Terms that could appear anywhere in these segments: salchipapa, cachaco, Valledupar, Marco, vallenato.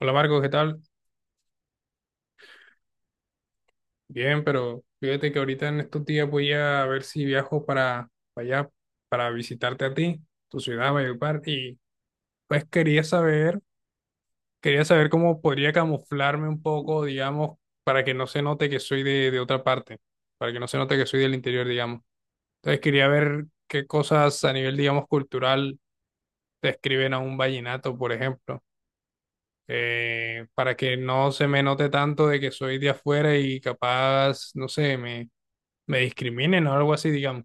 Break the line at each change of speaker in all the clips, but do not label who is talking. Hola Marco, ¿qué tal? Bien, pero fíjate que ahorita en estos días voy a ver si viajo para allá, para visitarte a ti, tu ciudad, Valledupar, y pues quería saber cómo podría camuflarme un poco, digamos, para que no se note que soy de otra parte, para que no se note que soy del interior, digamos. Entonces quería ver qué cosas a nivel, digamos, cultural describen a un vallenato, por ejemplo. eh, para que no se me note tanto de que soy de afuera y capaz, no sé, me discriminen o algo así, digamos.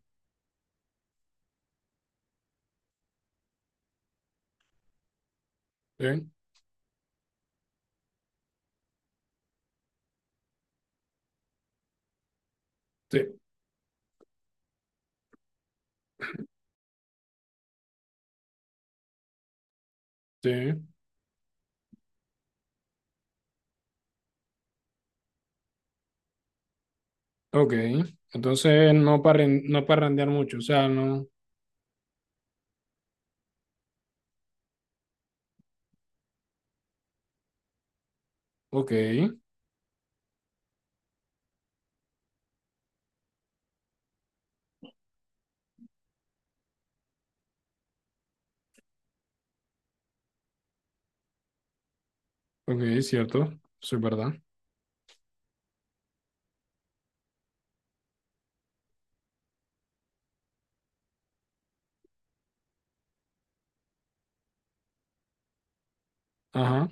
Sí, sí, sí. Ok. Entonces, no, no parrandear mucho. O sea, no. Ok. Ok, cierto. Eso es verdad. Ajá.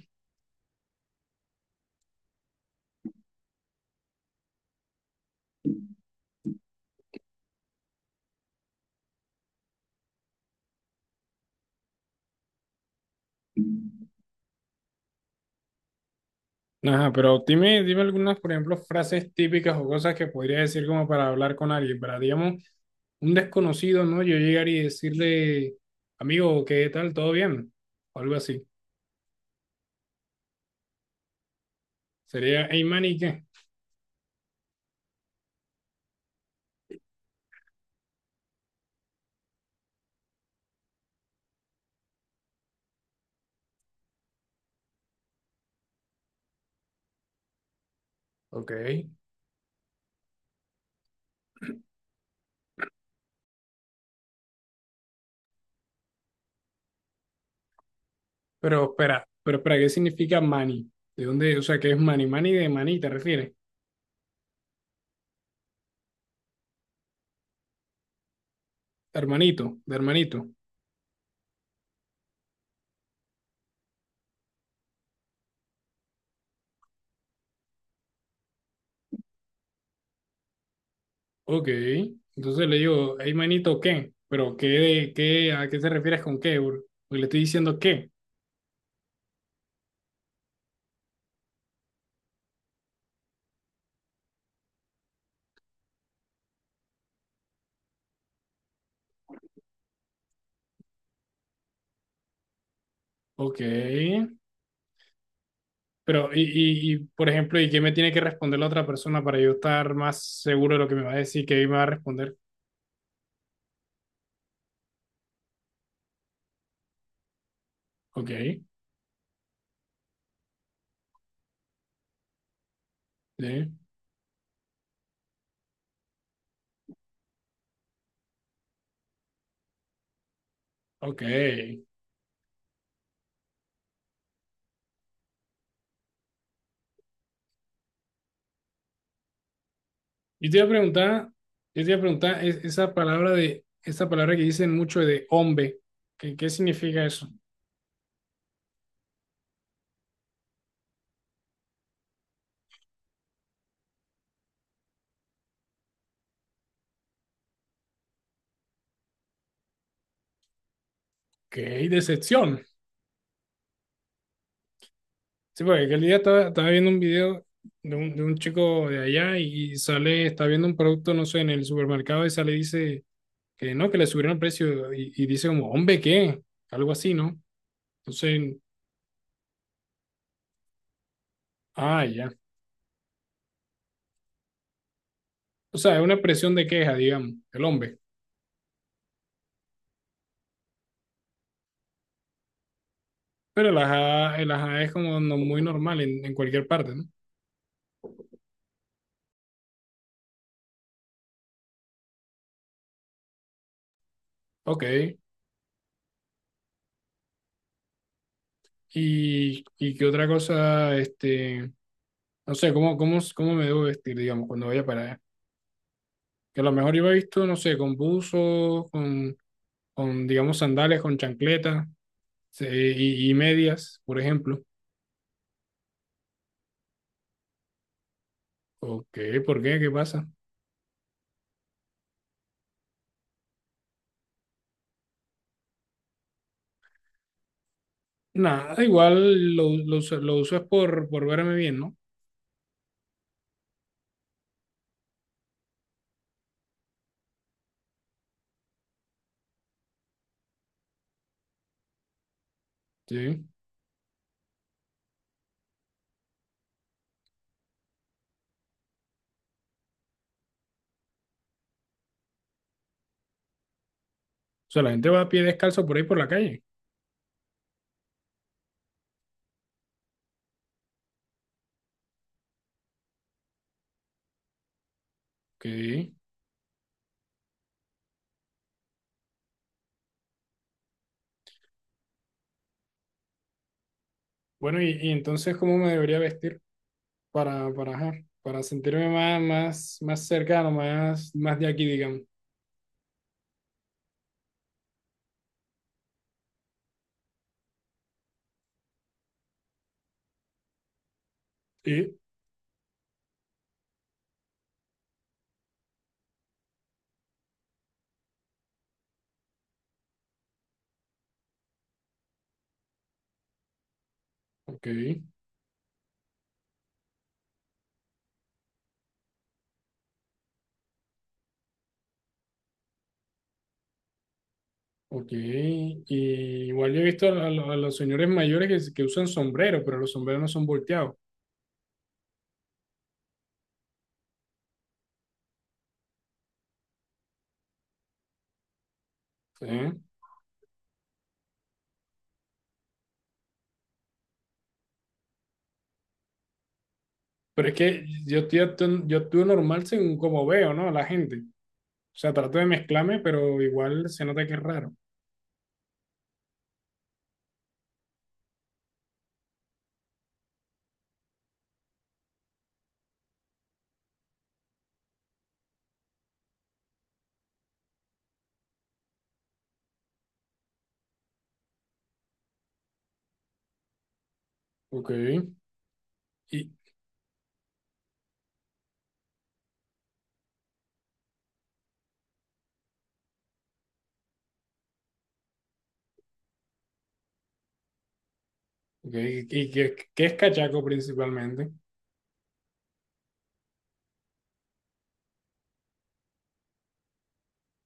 Ajá, pero dime, dime algunas, por ejemplo, frases típicas o cosas que podría decir como para hablar con alguien. Para, digamos, un desconocido, ¿no? Yo llegar y decirle, amigo, ¿qué tal? ¿Todo bien? O algo así. Sería, hey, man, ¿y qué? Ok. Pero espera, ¿qué significa mani? ¿De dónde? O sea, ¿qué es mani? Mani de mani, ¿te refieres? Hermanito, de hermanito. Ok. Entonces le digo, hey manito, ¿qué? Pero ¿qué, qué, a qué te refieres con qué, bro? Porque le estoy diciendo qué. Ok. Pero, y, por ejemplo, ¿y qué me tiene que responder la otra persona para yo estar más seguro de lo que me va a decir, qué me va a responder? Ok. Sí. Ok. Yo te iba a preguntar, yo te iba a preguntar esa palabra de, esa palabra que dicen mucho de hombre, ¿qué, qué significa eso? Que hay decepción. Sí, porque aquel día estaba, estaba viendo un video de un chico de allá y sale, está viendo un producto, no sé, en el supermercado y sale y dice que no, que le subieron el precio y dice como, hombre, ¿qué? Algo así, ¿no? Entonces, ah, ya. O sea, es una expresión de queja, digamos, el hombre. Pero el ajá es como muy normal en cualquier parte, ¿no? Ok. Y qué otra cosa, este, no sé, ¿cómo, cómo, cómo me debo vestir, digamos, cuando vaya para allá? Que a lo mejor iba visto, no sé, con buzos, con, digamos, sandales, con chancletas sí, y medias, por ejemplo. ¿O qué? ¿Por qué? ¿Qué pasa? Nada, igual lo uso es por verme bien, ¿no? Sí. O sea, la gente va a pie descalzo por ahí por la calle. Ok. Bueno, y entonces, ¿cómo me debería vestir? Para, ajá, para sentirme más, más, más cercano, más, más de aquí, digamos. Y, ok, ok. Y igual yo he visto a, a los señores mayores que, que usan sombrero, pero los sombreros no son volteados. ¿Sí? Pero es que yo, yo actúo normal según como veo, ¿no? A la gente. O sea, trato de mezclarme, pero igual se nota que es raro. Ok. ¿Y, ok, y qué, qué es cachaco principalmente?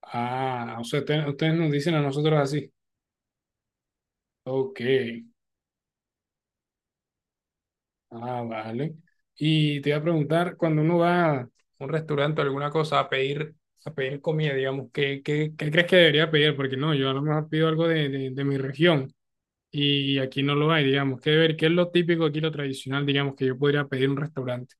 Ah, o sea, ustedes nos dicen a nosotros así. Ok. Ah, vale. Y te iba a preguntar, cuando uno va a un restaurante o alguna cosa a pedir comida, digamos, ¿qué, qué, qué crees que debería pedir? Porque no, yo a lo mejor pido algo de mi región y aquí no lo hay, digamos. ¿Qué ver? ¿Qué es lo típico aquí, lo tradicional, digamos, que yo podría pedir en un restaurante?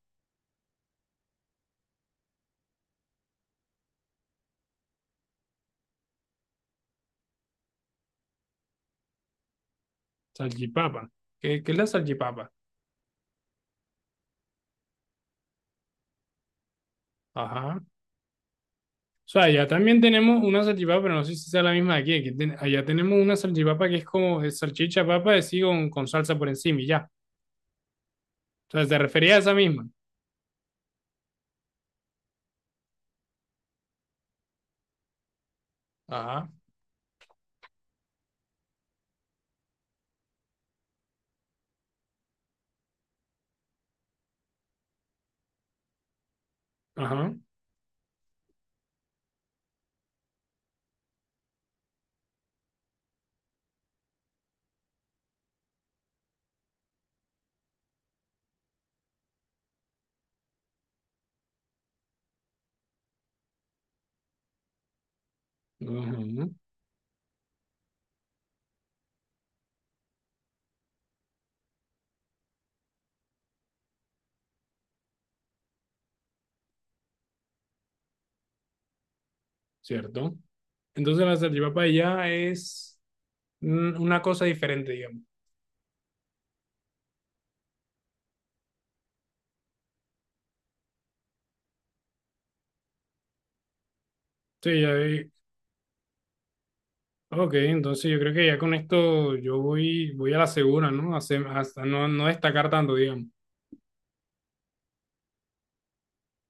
Salchipapa. ¿Qué, qué es la salchipapa? Ajá. O sea, allá también tenemos una salchipapa, pero no sé si sea la misma de aquí. Allá tenemos una salchipapa que es como salchicha papa de sí con salsa por encima y ya. O sea, te refería a esa misma. Ajá. Ajá, ajá, cierto. Entonces la salchipapa ya es una cosa diferente, digamos. Sí, ya vi. Ok, entonces yo creo que ya con esto yo voy, voy a la segura, ¿no? A, hasta no, no destacar tanto, digamos.